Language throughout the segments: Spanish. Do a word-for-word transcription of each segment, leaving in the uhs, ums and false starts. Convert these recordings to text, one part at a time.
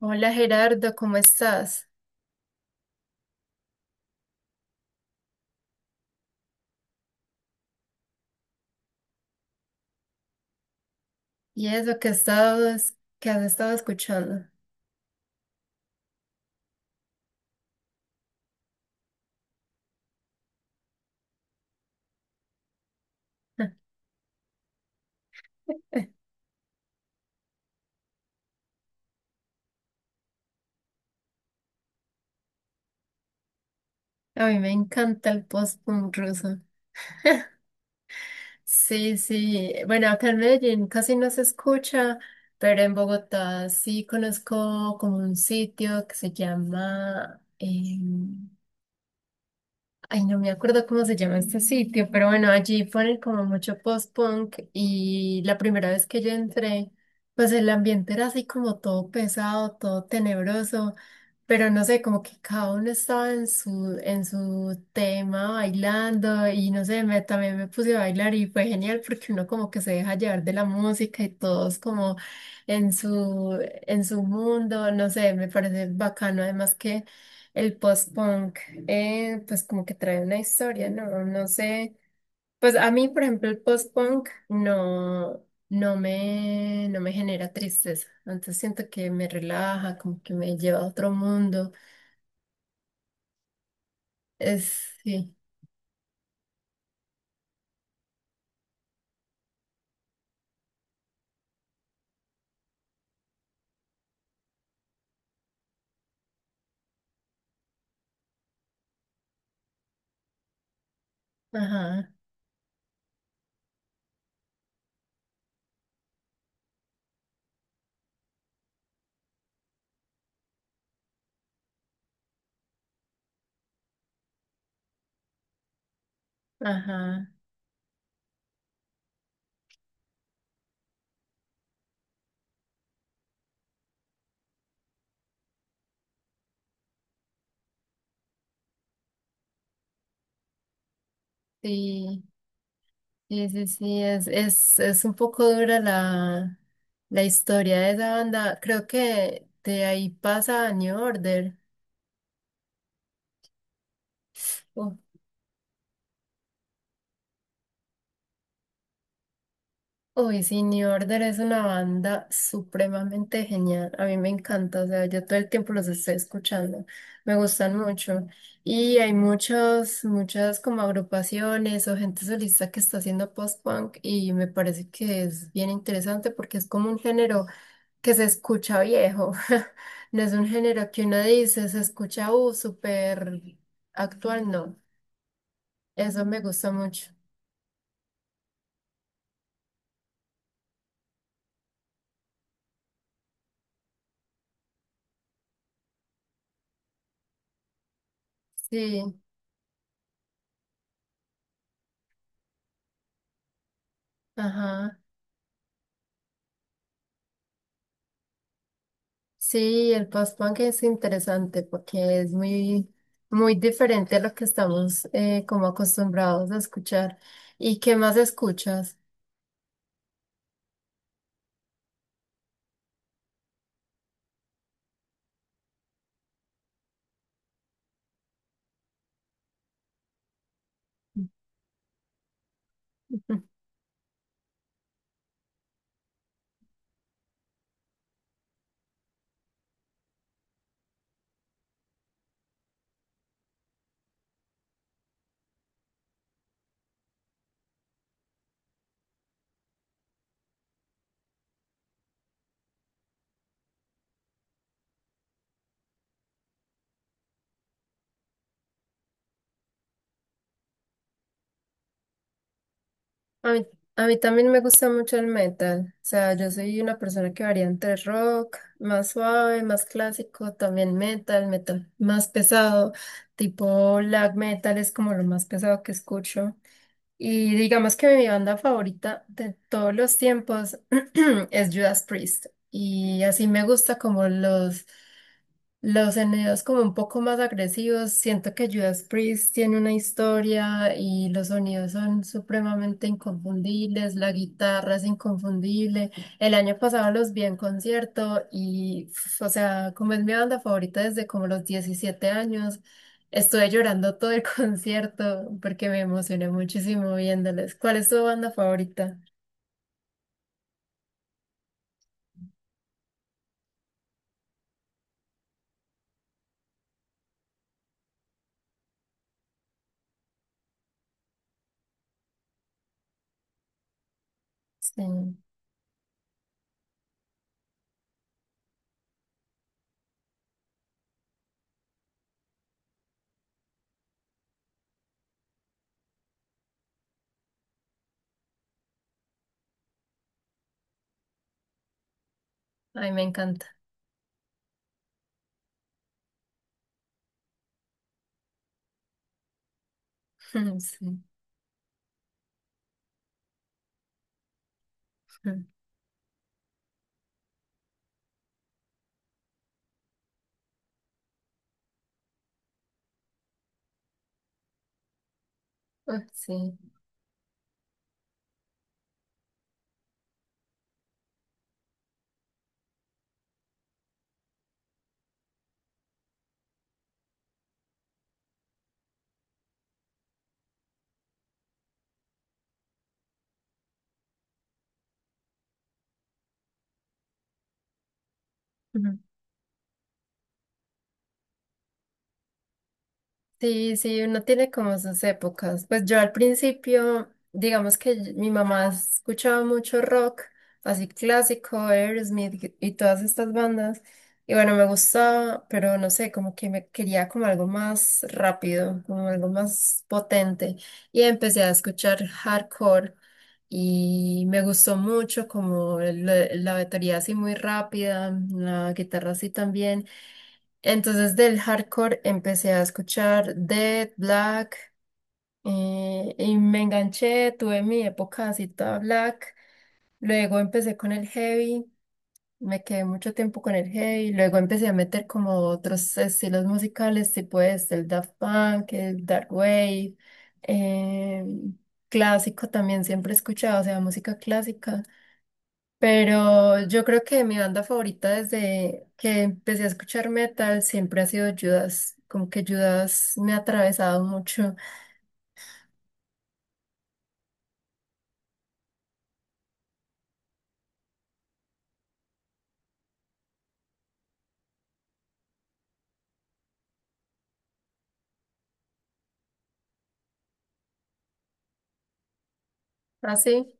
Hola Gerardo, ¿cómo estás? ¿Y eso que estabas, que has estado escuchando? A mí me encanta el post-punk ruso. Sí, sí. Bueno, acá en Medellín casi no se escucha, pero en Bogotá sí conozco como un sitio que se llama em, ay, no me acuerdo cómo se llama este sitio, pero bueno, allí ponen como mucho post-punk y la primera vez que yo entré, pues el ambiente era así como todo pesado, todo tenebroso, pero no sé, como que cada uno estaba en su, en su tema bailando y no sé, me, también me puse a bailar y fue genial porque uno como que se deja llevar de la música y todos como en su, en su mundo, no sé, me parece bacano además que... El post-punk eh, pues como que trae una historia, ¿no? No sé, pues a mí, por ejemplo, el post-punk no, no me, no me genera tristeza, entonces siento que me relaja, como que me lleva a otro mundo, es, sí, ajá, ajá, sí, sí, sí, sí, es, es, es un poco dura la, la historia de esa banda, creo que de ahí pasa a New Order. Uf, uy, sí, New Order es una banda supremamente genial. A mí me encanta, o sea, yo todo el tiempo los estoy escuchando. Me gustan mucho. Y hay muchas, muchas como agrupaciones o gente solista que está haciendo post-punk y me parece que es bien interesante porque es como un género que se escucha viejo. No es un género que uno dice, se escucha, uh, súper actual, no. Eso me gusta mucho. Sí, ajá. Sí, el post-punk es interesante porque es muy, muy diferente a lo que estamos eh, como acostumbrados a escuchar. ¿Y qué más escuchas? A mí, a mí también me gusta mucho el metal. O sea, yo soy una persona que varía entre rock, más suave, más clásico, también metal, metal más pesado, tipo black metal es como lo más pesado que escucho. Y digamos que mi banda favorita de todos los tiempos es Judas Priest. Y así me gusta como los los sonidos como un poco más agresivos, siento que Judas Priest tiene una historia y los sonidos son supremamente inconfundibles, la guitarra es inconfundible. El año pasado los vi en concierto y, pf, o sea, como es mi banda favorita desde como los diecisiete años, estuve llorando todo el concierto porque me emocioné muchísimo viéndoles. ¿Cuál es tu banda favorita? Sí, ay, me encanta. Sí, ah, sí. Sí, sí, uno tiene como sus épocas. Pues yo al principio, digamos que y- mi mamá escuchaba mucho rock, así clásico, Aerosmith y todas estas bandas. Y bueno, me gustaba, pero no sé, como que me quería como algo más rápido, como algo más potente. Y empecé a escuchar hardcore y me gustó mucho como el- la batería así muy rápida, la guitarra así también. Entonces del hardcore empecé a escuchar Dead, Black, eh, y me enganché, tuve mi época así toda Black, luego empecé con el heavy, me quedé mucho tiempo con el heavy, luego empecé a meter como otros estilos musicales, tipo este, el Daft Punk, el Dark Wave, eh, clásico también siempre he escuchado, o sea, música clásica. Pero yo creo que mi banda favorita desde que empecé a escuchar metal siempre ha sido Judas. Como que Judas me ha atravesado mucho. Así.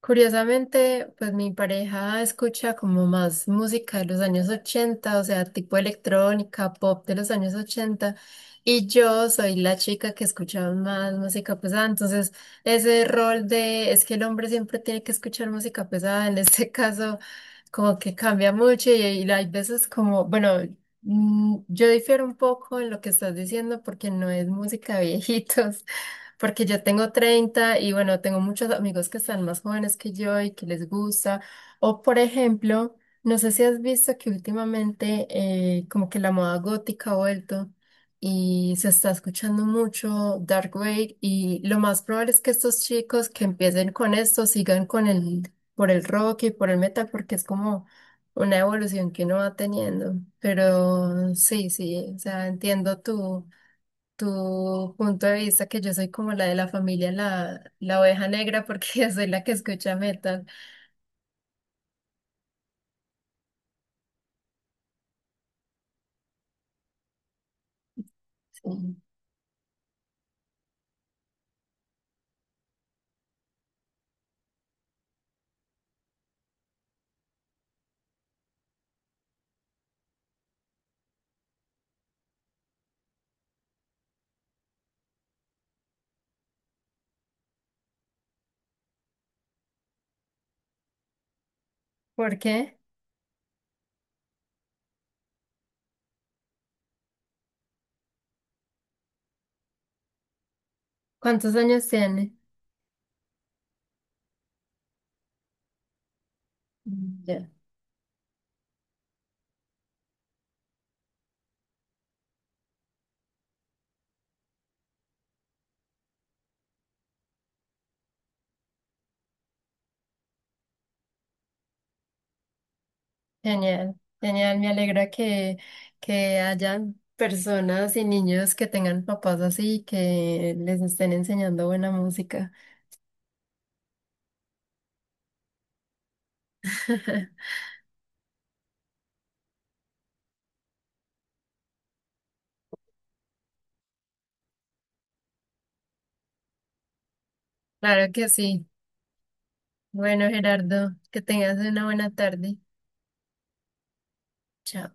Curiosamente, pues mi pareja escucha como más música de los años ochenta, o sea, tipo electrónica, pop de los años ochenta, y yo soy la chica que escucha más música pesada, entonces ese rol de es que el hombre siempre tiene que escuchar música pesada, en este caso como que cambia mucho y, y hay veces como, bueno, mm, yo difiero un poco en lo que estás diciendo porque no es música de viejitos porque yo tengo treinta y bueno, tengo muchos amigos que están más jóvenes que yo y que les gusta. O por ejemplo, no sé si has visto que últimamente eh, como que la moda gótica ha vuelto y se está escuchando mucho Dark Wave y lo más probable es que estos chicos que empiecen con esto sigan con el, por el rock y por el metal porque es como una evolución que uno va teniendo. Pero sí, sí, o sea, entiendo tú tu punto de vista que yo soy como la de la familia, la, la oveja negra, porque yo soy la que escucha metal. Sí. ¿Por qué? ¿Cuántos años tiene? Mm, ya. Genial, genial. Me alegra que, que hayan personas y niños que tengan papás así y que les estén enseñando buena música. Claro que sí. Bueno, Gerardo, que tengas una buena tarde. Chao.